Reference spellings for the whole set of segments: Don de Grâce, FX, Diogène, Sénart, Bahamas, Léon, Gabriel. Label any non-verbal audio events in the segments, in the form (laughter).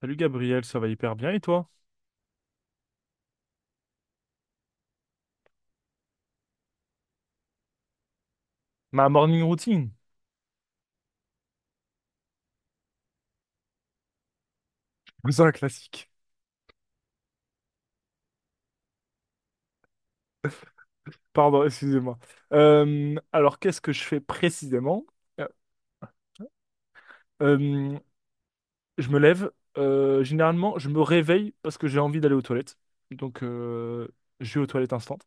Salut Gabriel, ça va hyper bien et toi? Ma morning routine. C'est un classique. Pardon, excusez-moi. Qu'est-ce que je fais précisément? Euh, euh, je me lève. Généralement, je me réveille parce que j'ai envie d'aller aux toilettes. Donc, euh, je vais aux toilettes instant.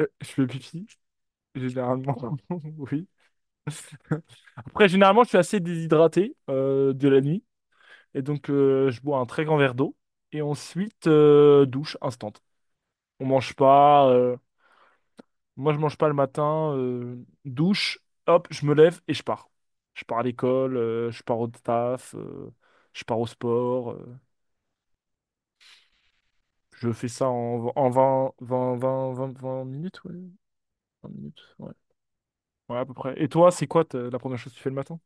Je fais pipi, généralement. (laughs) Oui. Après, généralement, je suis assez déshydraté de la nuit. Et donc, je bois un très grand verre d'eau. Et ensuite, douche instant. On mange pas. Moi, je mange pas le matin, douche, hop, je me lève et je pars. Je pars à l'école, je pars au taf, je pars au sport. Je fais ça en 20 20 20 20 20 minutes, ouais. Vingt minutes, ouais. Ouais, à peu près. Et toi, c'est quoi la première chose que tu fais le matin?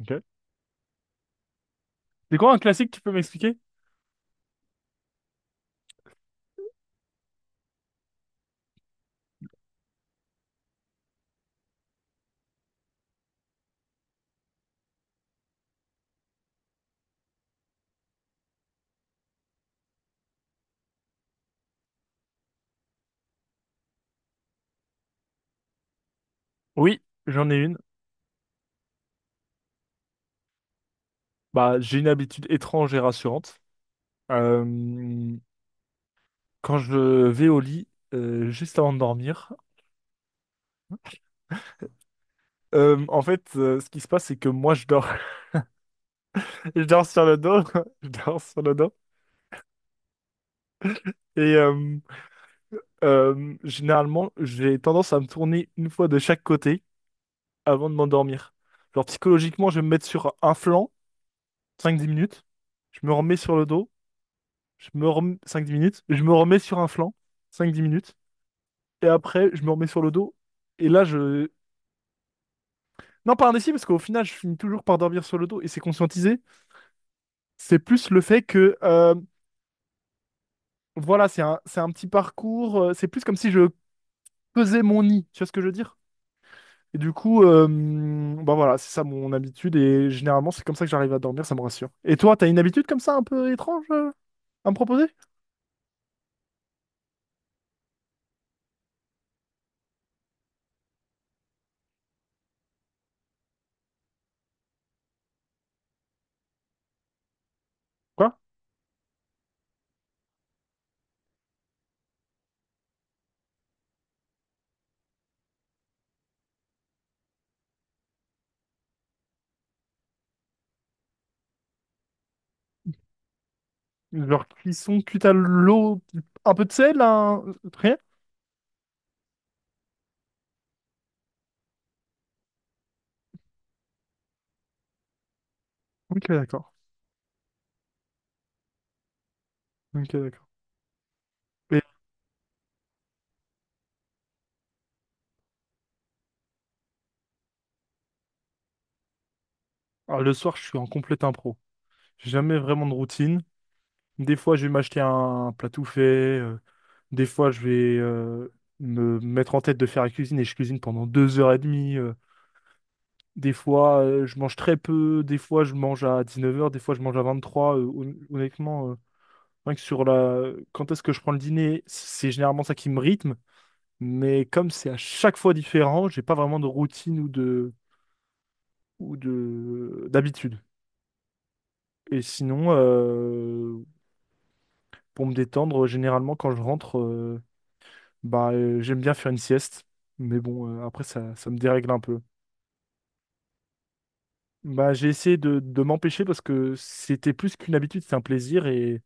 Ok. C'est quoi un classique, tu peux m'expliquer? Oui, j'en ai une. Bah, j'ai une habitude étrange et rassurante. Euh, Quand je vais au lit, juste avant de dormir, ce qui se passe, c'est que moi, je dors, (laughs) je dors sur le dos, (laughs) je dors sur le dos, et généralement, j'ai tendance à me tourner une fois de chaque côté avant de m'endormir. Genre psychologiquement, je vais me mettre sur un flanc 5 10 minutes, je me remets sur le dos, cinq dix minutes, je me remets sur un flanc cinq dix minutes, et après, je me remets sur le dos, et là, je... Non, pas un indécis, parce qu'au final, je finis toujours par dormir sur le dos, et c'est conscientisé. C'est plus le fait que, voilà, c'est un petit parcours, c'est plus comme si je pesais mon nid, tu vois ce que je veux dire? Et du coup, bah voilà, c'est ça mon habitude et généralement c'est comme ça que j'arrive à dormir, ça me rassure. Et toi, t'as une habitude comme ça un peu étrange à me proposer? Quoi? Genre cuisson cuite à l'eau, un peu de sel, un... rien? Ok, d'accord. Ok, d'accord. Et alors, le soir, je suis en complet impro. J'ai jamais vraiment de routine. Des fois, je vais m'acheter un plat tout fait. Des fois, je vais me mettre en tête de faire la cuisine et je cuisine pendant 2 heures et demie. Des fois, je mange très peu. Des fois, je mange à 19 heures. Des fois, je mange à 23 heures. Honnêtement, rien que sur la... quand est-ce que je prends le dîner, c'est généralement ça qui me rythme. Mais comme c'est à chaque fois différent, j'ai pas vraiment de routine ou de d'habitude. Et sinon, pour me détendre, généralement, quand je rentre, j'aime bien faire une sieste. Mais bon, après, ça me dérègle un peu. Bah, j'ai essayé de m'empêcher parce que c'était plus qu'une habitude, c'est un plaisir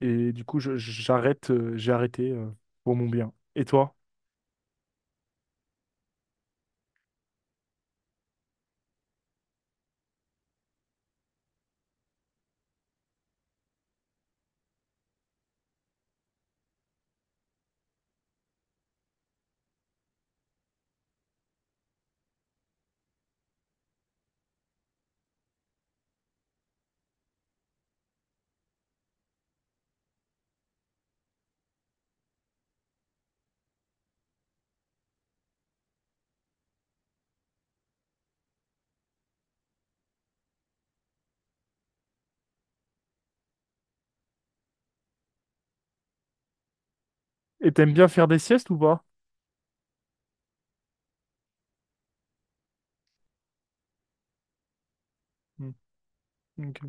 et du coup, j'arrête, j'ai arrêté pour mon bien. Et toi? Et t'aimes bien faire des siestes ou pas? Hmm, ok.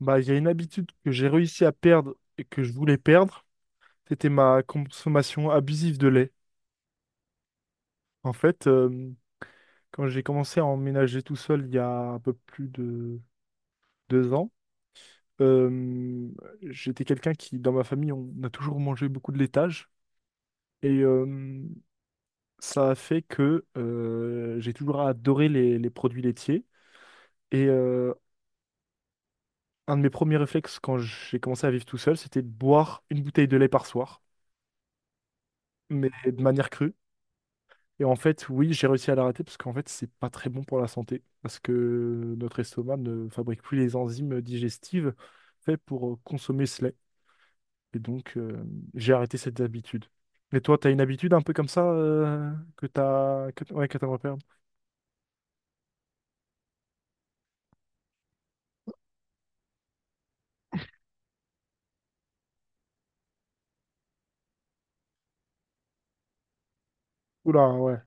Bah, il y a une habitude que j'ai réussi à perdre et que je voulais perdre, c'était ma consommation abusive de lait. En fait, euh, Quand j'ai commencé à emménager tout seul il y a un peu plus de 2 ans, euh, j'étais quelqu'un qui, dans ma famille, on a toujours mangé beaucoup de laitage. Et euh, Ça a fait que j'ai toujours adoré les produits laitiers. Et euh, un de mes premiers réflexes quand j'ai commencé à vivre tout seul, c'était de boire une bouteille de lait par soir, mais de manière crue. Et en fait, oui, j'ai réussi à l'arrêter parce qu'en fait, c'est pas très bon pour la santé. Parce que notre estomac ne fabrique plus les enzymes digestives faites pour consommer ce lait. Et donc, j'ai arrêté cette habitude. Et toi, t'as une habitude un peu comme ça que t'as... Que... Ouais, que t'aimerais perdre. Oula, ouais.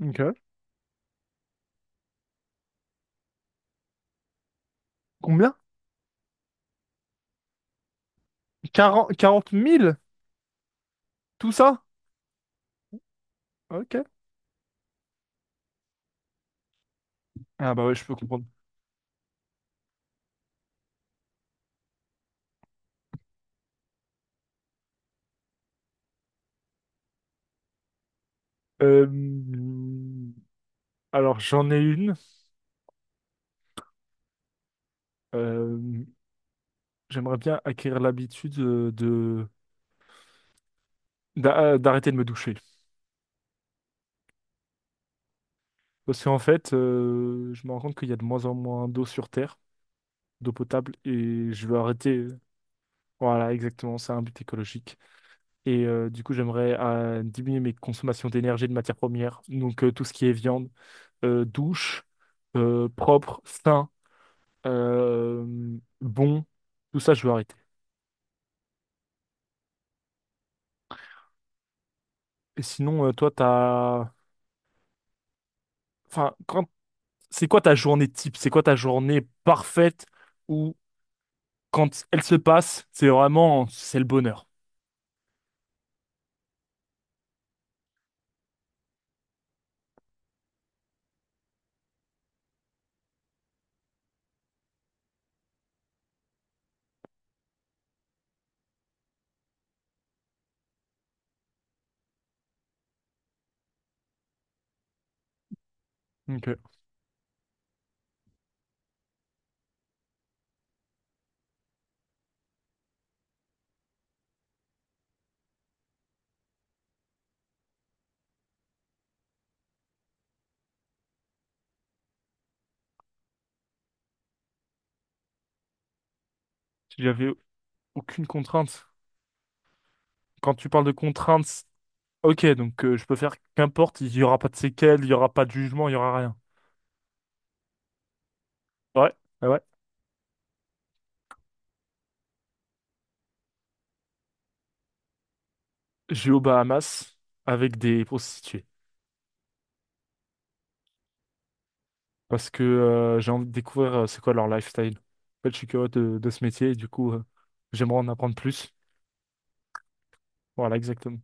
Ok. Combien? Quarante, 40 000. Tout ça? Ok. Ah bah ouais, je peux comprendre. Euh, Alors, j'en ai une. Euh, J'aimerais bien acquérir l'habitude de... d'arrêter de me doucher. Parce qu'en fait, je me rends compte qu'il y a de moins en moins d'eau sur Terre, d'eau potable, et je veux arrêter. Voilà, exactement, c'est un but écologique. Du coup, j'aimerais diminuer mes consommations d'énergie et de matières premières. Donc, tout ce qui est viande, douche, propre, sain, euh, bon, tout ça, je veux arrêter. Et sinon, toi, t'as... Enfin, quand... c'est quoi ta journée type? C'est quoi ta journée parfaite où, quand elle se passe, c'est vraiment... c'est le bonheur? Ok. J'avais aucune contrainte. Quand tu parles de contraintes, ok, je peux faire qu'importe, il n'y aura pas de séquelles, il n'y aura pas de jugement, il n'y aura rien. Ouais, ah ouais. J'ai aux Bahamas avec des prostituées. Parce que j'ai envie de découvrir c'est quoi leur lifestyle. En fait, je suis curieux de ce métier et du coup, j'aimerais en apprendre plus. Voilà, exactement.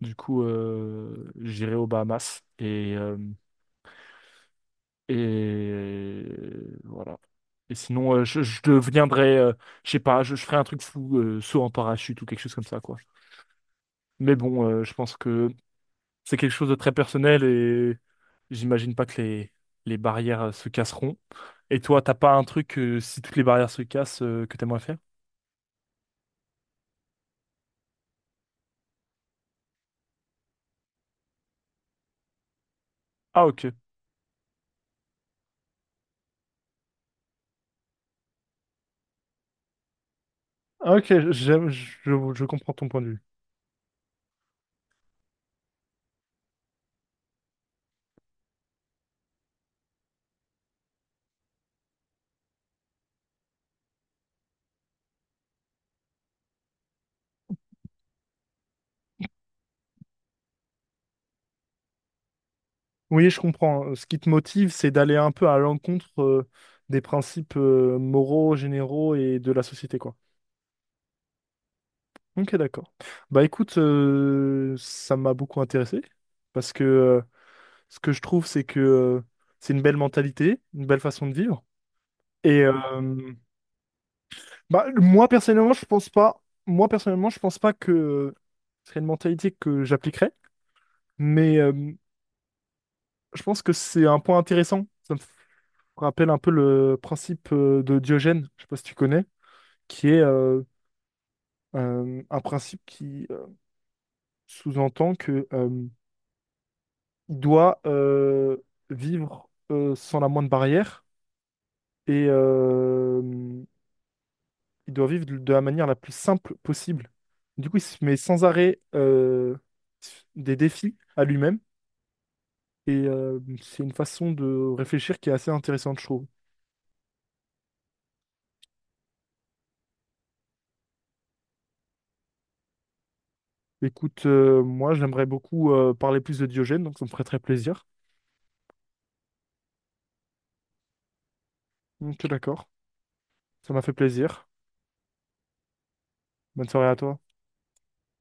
Du coup, j'irai aux Bahamas et voilà. Et sinon, je deviendrai, je sais pas, je ferai un truc fou, saut en parachute ou quelque chose comme ça, quoi. Mais bon, je pense que c'est quelque chose de très personnel et j'imagine pas que les barrières se casseront. Et toi, t'as pas un truc, si toutes les barrières se cassent, que t'aimerais faire? Ah, ok. Ah, ok, je comprends ton point de vue. Oui, je comprends. Ce qui te motive, c'est d'aller un peu à l'encontre des principes moraux, généraux et de la société, quoi. Ok, d'accord. Bah écoute, ça m'a beaucoup intéressé parce que ce que je trouve, c'est que c'est une belle mentalité, une belle façon de vivre. Et euh, Bah, moi personnellement, je pense pas. Moi personnellement, je pense pas que ce serait une mentalité que j'appliquerais, mais je pense que c'est un point intéressant. Qu'on rappelle un peu le principe de Diogène, je sais pas si tu connais, qui est un principe qui sous-entend que il doit vivre sans la moindre barrière et il doit vivre de la manière la plus simple possible. Du coup, il se met sans arrêt des défis à lui-même et c'est une façon de réfléchir qui est assez intéressante, je trouve. Écoute, moi j'aimerais beaucoup parler plus de Diogène, donc ça me ferait très plaisir. Donc, d'accord. Ça m'a fait plaisir. Bonne soirée à toi.